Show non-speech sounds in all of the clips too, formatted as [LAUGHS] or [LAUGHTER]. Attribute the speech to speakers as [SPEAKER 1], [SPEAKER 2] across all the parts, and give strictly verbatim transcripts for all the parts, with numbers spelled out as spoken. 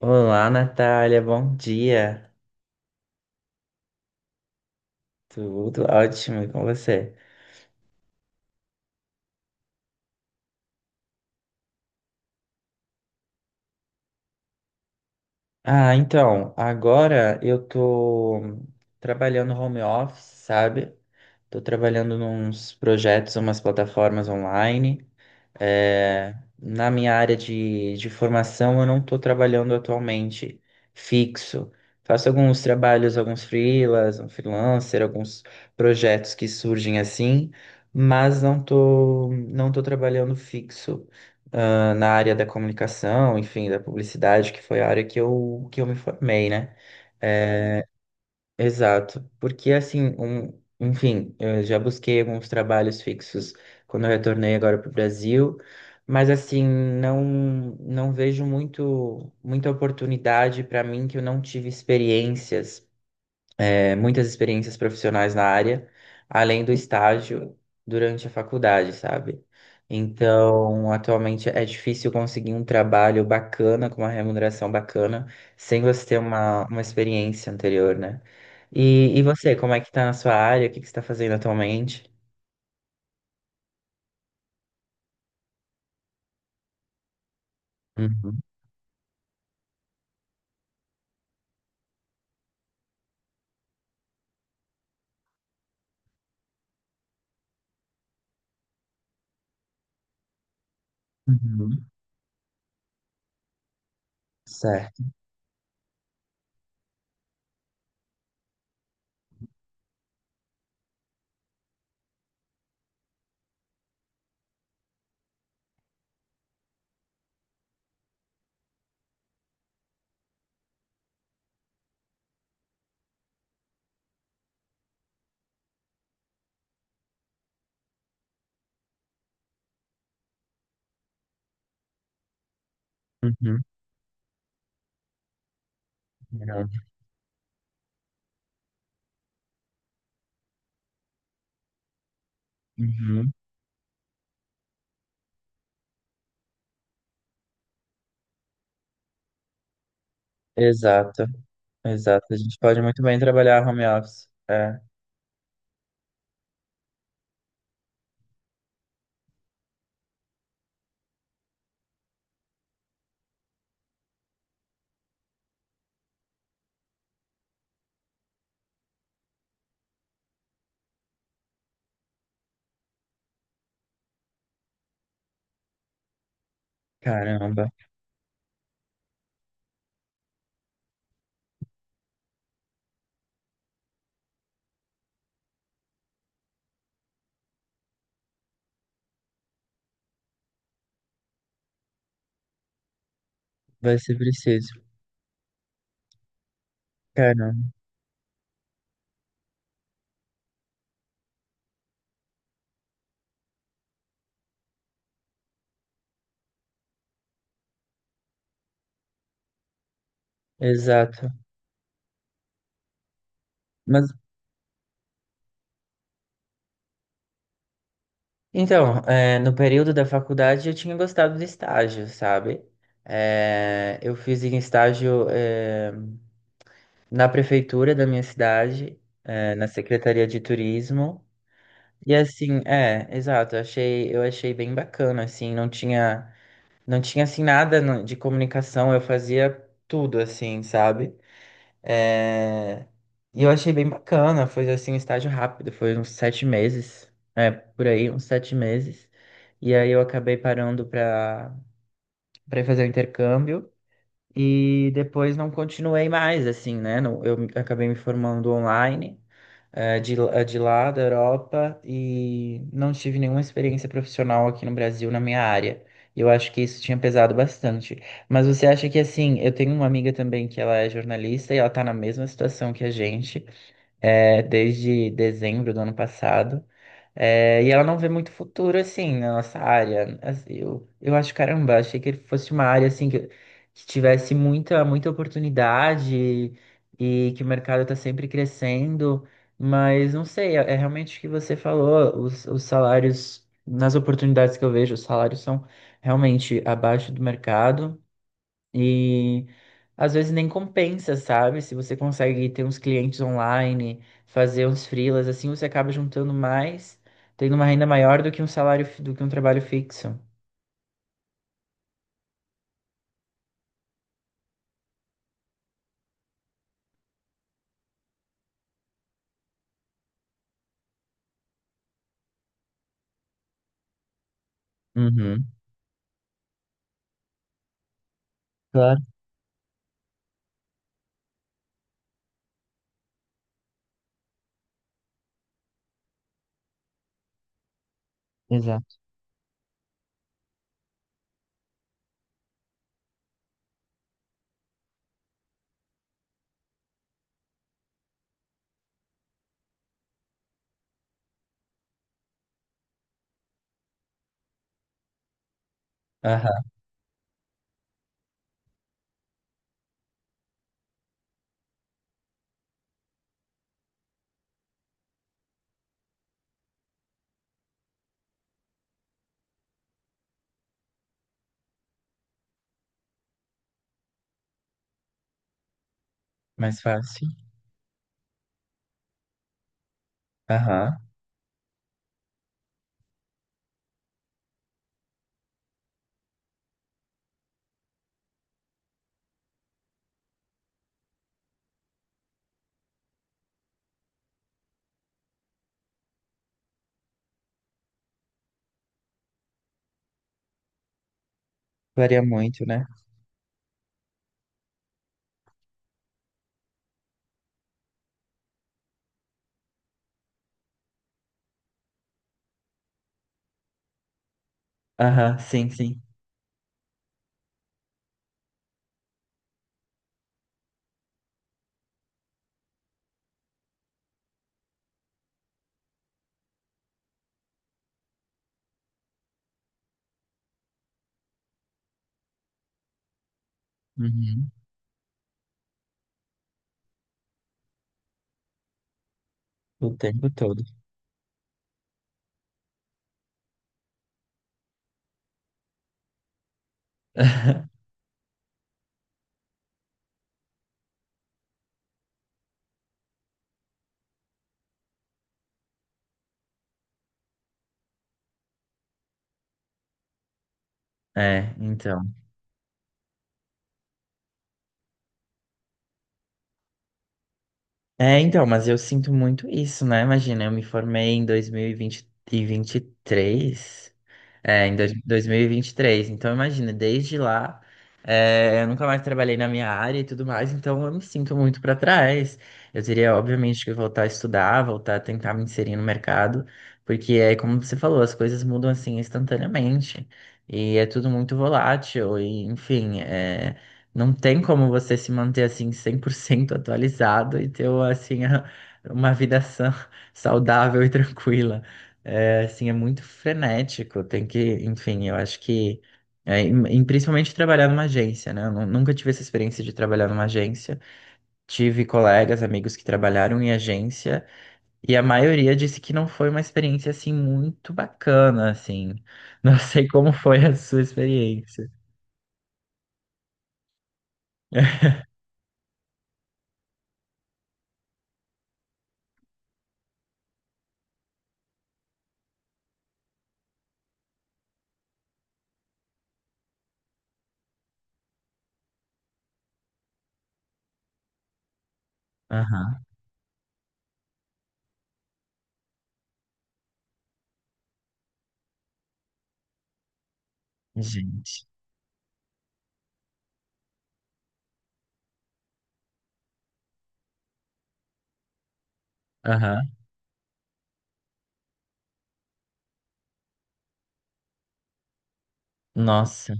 [SPEAKER 1] Olá, Natália, bom dia. Tudo ótimo, e com você? Ah, então, agora eu tô trabalhando home office, sabe? Tô trabalhando nos projetos, umas plataformas online. É, na minha área de, de formação, eu não estou trabalhando atualmente fixo. Faço alguns trabalhos, alguns freelas, um freelancer, alguns projetos que surgem assim, mas não estou não estou trabalhando fixo, ah, na área da comunicação, enfim, da publicidade, que foi a área que eu, que eu me formei, né? É, exato, porque assim, um, enfim, eu já busquei alguns trabalhos fixos quando eu retornei agora para o Brasil, mas assim, não não vejo muito muita oportunidade para mim que eu não tive experiências, é, muitas experiências profissionais na área, além do estágio durante a faculdade, sabe? Então, atualmente é difícil conseguir um trabalho bacana, com uma remuneração bacana, sem você ter uma, uma experiência anterior, né? E, e você, como é que tá na sua área? O que que você está fazendo atualmente? Uhum, uhum, certo. Uhum, verdade. Uhum, exato, exato. A gente pode muito bem trabalhar home office. É, caramba, vai ser preciso. Caramba. Exato. Mas então, eh, no período da faculdade eu tinha gostado de estágio, sabe? Eh, eu fiz em estágio, eh, na prefeitura da minha cidade, eh, na Secretaria de Turismo. E assim, é, exato, eu achei, eu achei bem bacana, assim, não tinha, não tinha assim nada no- de comunicação, eu fazia tudo assim, sabe? É. E eu achei bem bacana, foi assim um estágio rápido, foi uns sete meses, é, por aí, uns sete meses. E aí eu acabei parando para para fazer o intercâmbio. E depois não continuei mais, assim, né? Não- Eu me- acabei me formando online, eh, de, eh, de lá, da Europa, e não tive nenhuma experiência profissional aqui no Brasil na minha área. E eu acho que isso tinha pesado bastante. Mas você acha que, assim, eu tenho uma amiga também que ela é jornalista e ela tá na mesma situação que a gente, eh, desde dezembro do ano passado. É, e ela não vê muito futuro, assim, na nossa área. Assim, Eu, eu acho, caramba, achei que ele fosse uma área, assim, que, que tivesse muita, muita oportunidade e que o mercado está sempre crescendo. Mas, não sei, é, é realmente o que você falou, os, os salários, nas oportunidades que eu vejo, os salários são realmente abaixo do mercado. E às vezes nem compensa, sabe? Se você consegue ter uns clientes online, fazer uns freelas, assim você acaba juntando mais, tendo uma renda maior do que um salário, fi- do que um trabalho fixo. Uhum. Claro, exato. Aham, mais fácil. Aham. Varia muito, né? Aham, sim, sim. Uhum. O tempo todo. [LAUGHS] É, então. É, então, mas eu sinto muito isso, né? Imagina, eu me formei em dois mil e vinte e três. É, em dois- 2023. Então, imagina, desde lá, é, eu nunca mais trabalhei na minha área e tudo mais, então eu me sinto muito para trás. Eu teria, obviamente, que voltar a estudar, voltar a tentar me inserir no mercado, porque é como você falou, as coisas mudam assim instantaneamente e é tudo muito volátil, e enfim, é, não tem como você se manter assim cem por cento atualizado e ter assim [LAUGHS] a- uma vida sã, saudável e tranquila. É, assim, é muito frenético, tem que, enfim, eu acho que, é, em- em- principalmente trabalhar numa agência, né? Eu nu- nunca tive essa experiência de trabalhar numa agência. Tive colegas, amigos que trabalharam em agência, e a maioria disse que não foi uma experiência, assim, muito bacana, assim. [LAUGHS] Não sei como foi a sua experiência. [LAUGHS] Aham, gente. Aham. Nossa.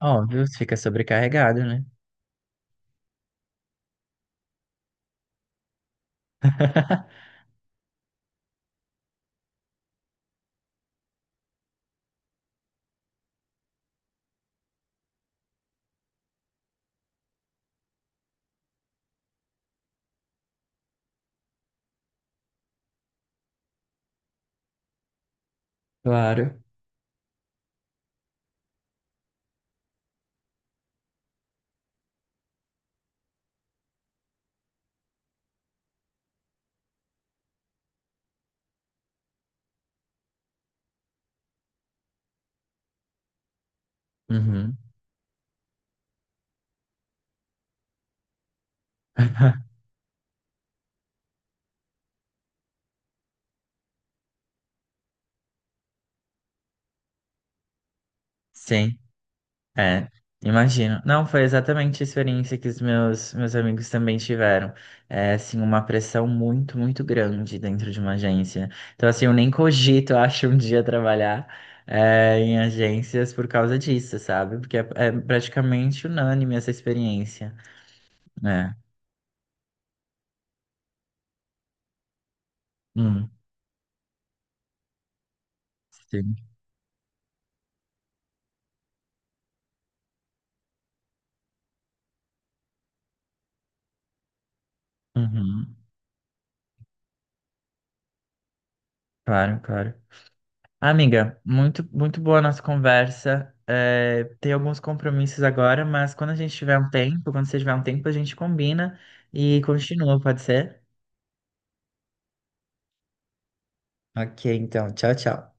[SPEAKER 1] Óbvio, fica sobrecarregado, né? [LAUGHS] Claro. Uhum. [LAUGHS] Sim. É, imagino. Não, foi exatamente a experiência que os meus, meus amigos também tiveram. É, assim, uma pressão muito, muito grande dentro de uma agência. Então, assim, eu nem cogito, [LAUGHS] eu acho, um dia trabalhar, é, em agências por causa disso, sabe? Porque é, é praticamente unânime essa experiência. É. Hum, sim. Uhum. Claro, claro. Amiga, muito, muito boa a nossa conversa. É, tem alguns compromissos agora, mas quando a gente tiver um tempo, quando você tiver um tempo, a gente combina e continua, pode ser? Ok, então, tchau, tchau.